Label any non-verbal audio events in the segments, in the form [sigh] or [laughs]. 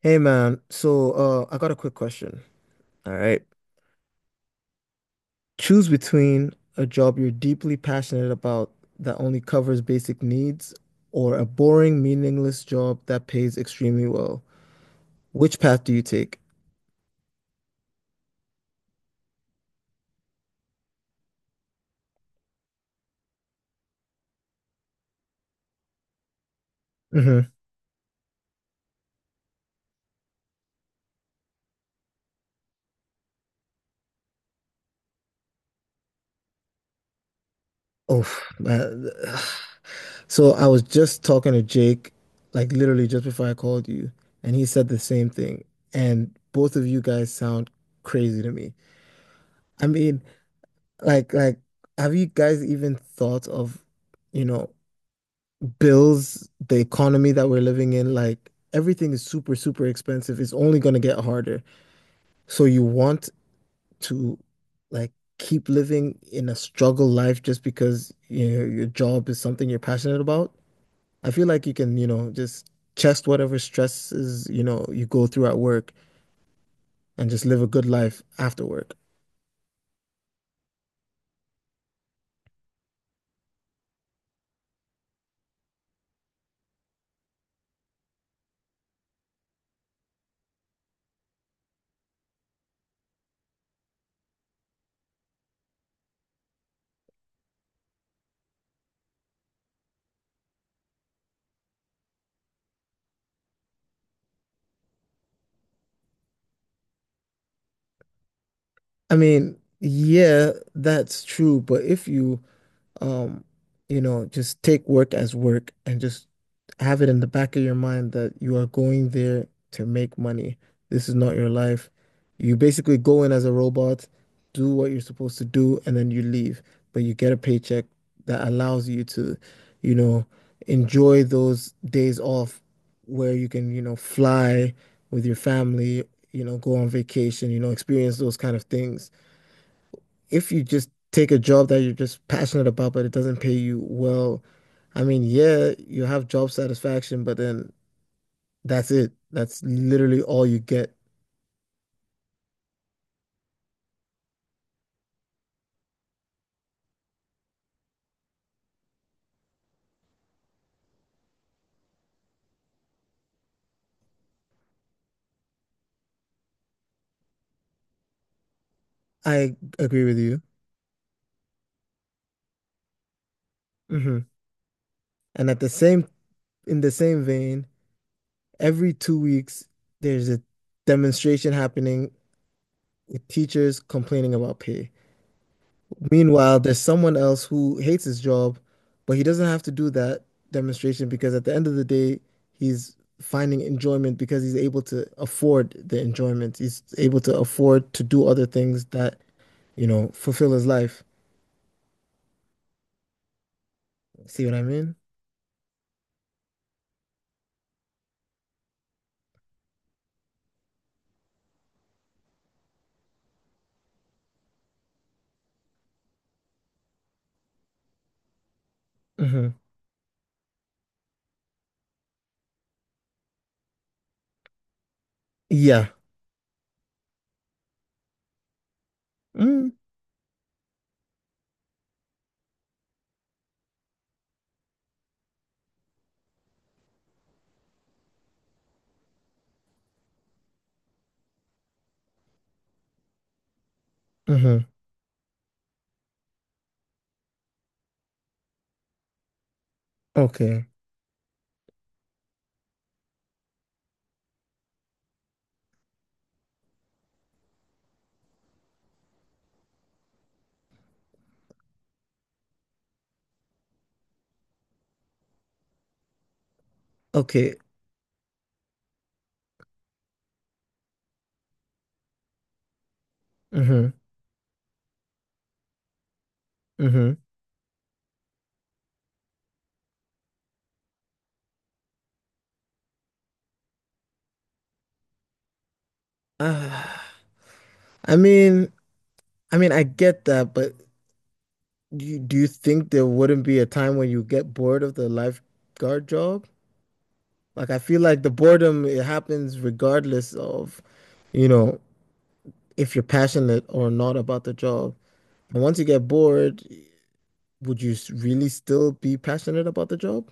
Hey man, I got a quick question. All right. Choose between a job you're deeply passionate about that only covers basic needs, or a boring, meaningless job that pays extremely well. Which path do you take? hmm Oh, man. [sighs] So I was just talking to Jake, like literally just before I called you, and he said the same thing. And both of you guys sound crazy to me. I mean, like, like, have you guys even thought of, you know, bills, the economy that we're living in, like everything is super, super expensive. It's only going to get harder. So you want to, like, keep living in a struggle life just because, you know, your job is something you're passionate about. I feel like you can, you know, just chest whatever stresses, you know, you go through at work and just live a good life after work. I mean, yeah, that's true, but if you— Um, you know, just take work as work and just have it in the back of your mind that you are going there to make money. This is not your life. You basically go in as a robot, do what you're supposed to do, and then you leave. But you get a paycheck that allows you to, you know, enjoy those days off where you can, you know, fly with your family, you know, go on vacation, you know, experience those kind of things if you just take a job that you're just passionate about, but it doesn't pay you well. I mean, yeah, you have job satisfaction, but then that's it. That's literally all you get. I agree with you. hmm And at the same— in the same vein, every 2 weeks, there's a demonstration happening with teachers complaining about pay. Meanwhile, there's someone else who hates his job, but he doesn't have to do that demonstration because at the end of the day, he's finding enjoyment because he's able to afford the enjoyment. He's able to afford to do other things that, you know, fulfill his life. See what I mean? hmm Yeah. Mm. hmm Okay. Okay. hmm hmm Ah, I mean— I mean, I get that, but do you— do you think there wouldn't be a time when you get bored of the lifeguard job? Like, I feel like the boredom, it happens regardless of, you know, if you're passionate or not about the job. And once you get bored, would you really still be passionate about the job?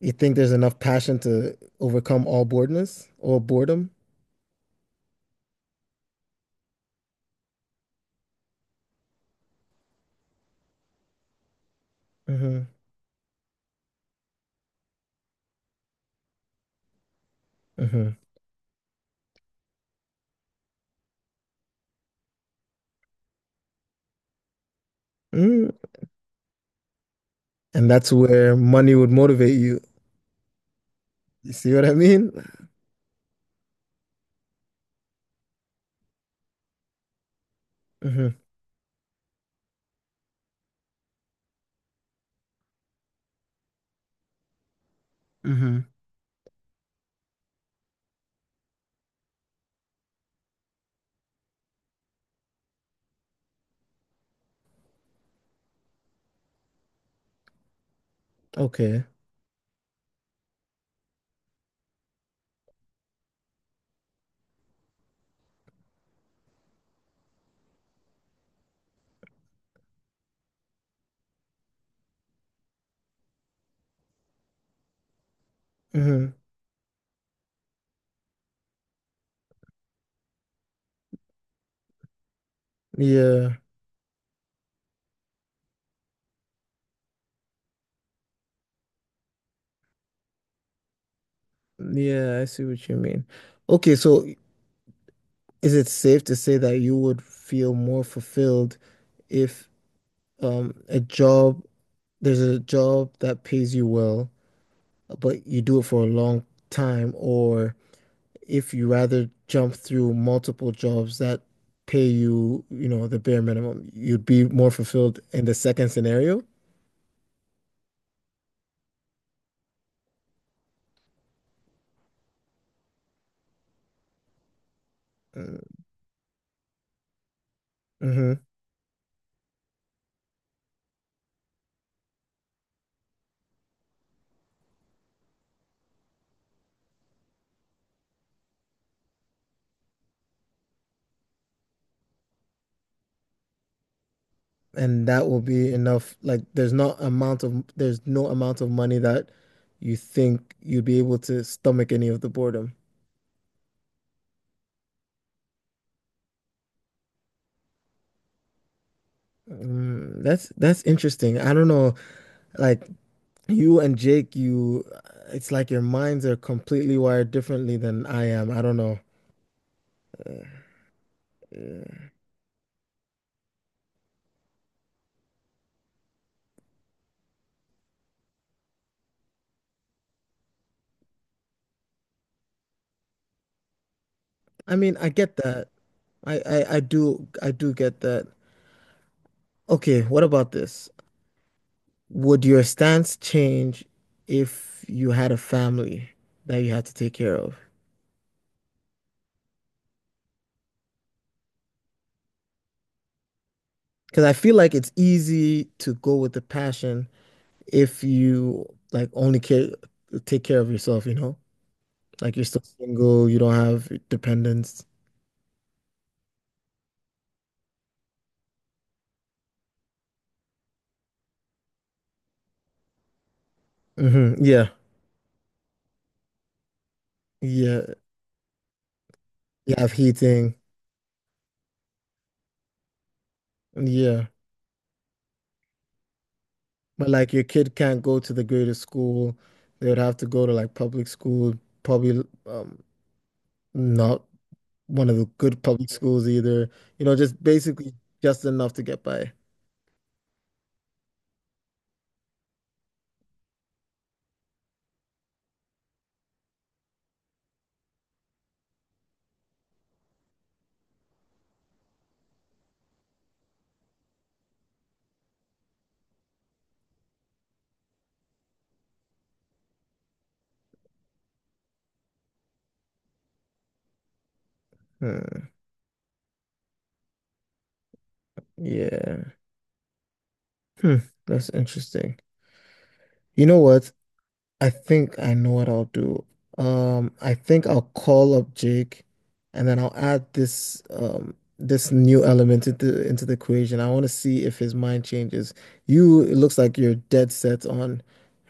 You think there's enough passion to overcome all boredness, or boredom? hmm hmm Mm. And that's where money would motivate you. You see what I mean? hmm hmm Okay. hmm Yeah. Yeah, I see what you mean. Okay, so, is it safe to say that you would feel more fulfilled if, a job— there's a job that pays you well, but you do it for a long time, or if you rather jump through multiple jobs that pay you, you know, the bare minimum, you'd be more fulfilled in the second scenario? Mm-hmm. And that will be enough. Like, there's not amount of— there's no amount of money that you think you'd be able to stomach any of the boredom. Mm, that's interesting. I don't know. Like, you and Jake, you— it's like your minds are completely wired differently than I am. I don't know. I mean, I get that. I do— I do get that. Okay, what about this? Would your stance change if you had a family that you had to take care of? Because I feel like it's easy to go with the passion if you, like, only care— take care of yourself, you know? Like, you're still single, you don't have dependents. Yeah. Yeah. You have heating. Yeah. But like your kid can't go to the greatest school. They would have to go to like public school, probably, um, not one of the good public schools either. You know, just basically just enough to get by. Hmm. Yeah. Hmm. That's interesting. You know what? I think I know what I'll do. I think I'll call up Jake and then I'll add this, um, this new element into— into the equation. I want to see if his mind changes. You— it looks like you're dead set on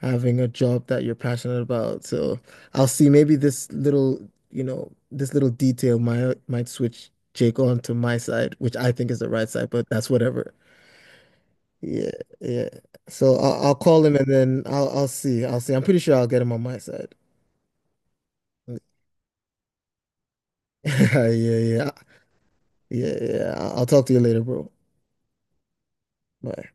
having a job that you're passionate about. So I'll see, maybe this little, you know, this little detail might— might switch Jake on to my side, which I think is the right side, but that's whatever. Yeah, yeah. So I'll— I'll call him and then I'll— I'll see. I'll see. I'm pretty sure I'll get him on my side. [laughs] Yeah, yeah, yeah, yeah. I'll talk to you later, bro. Bye.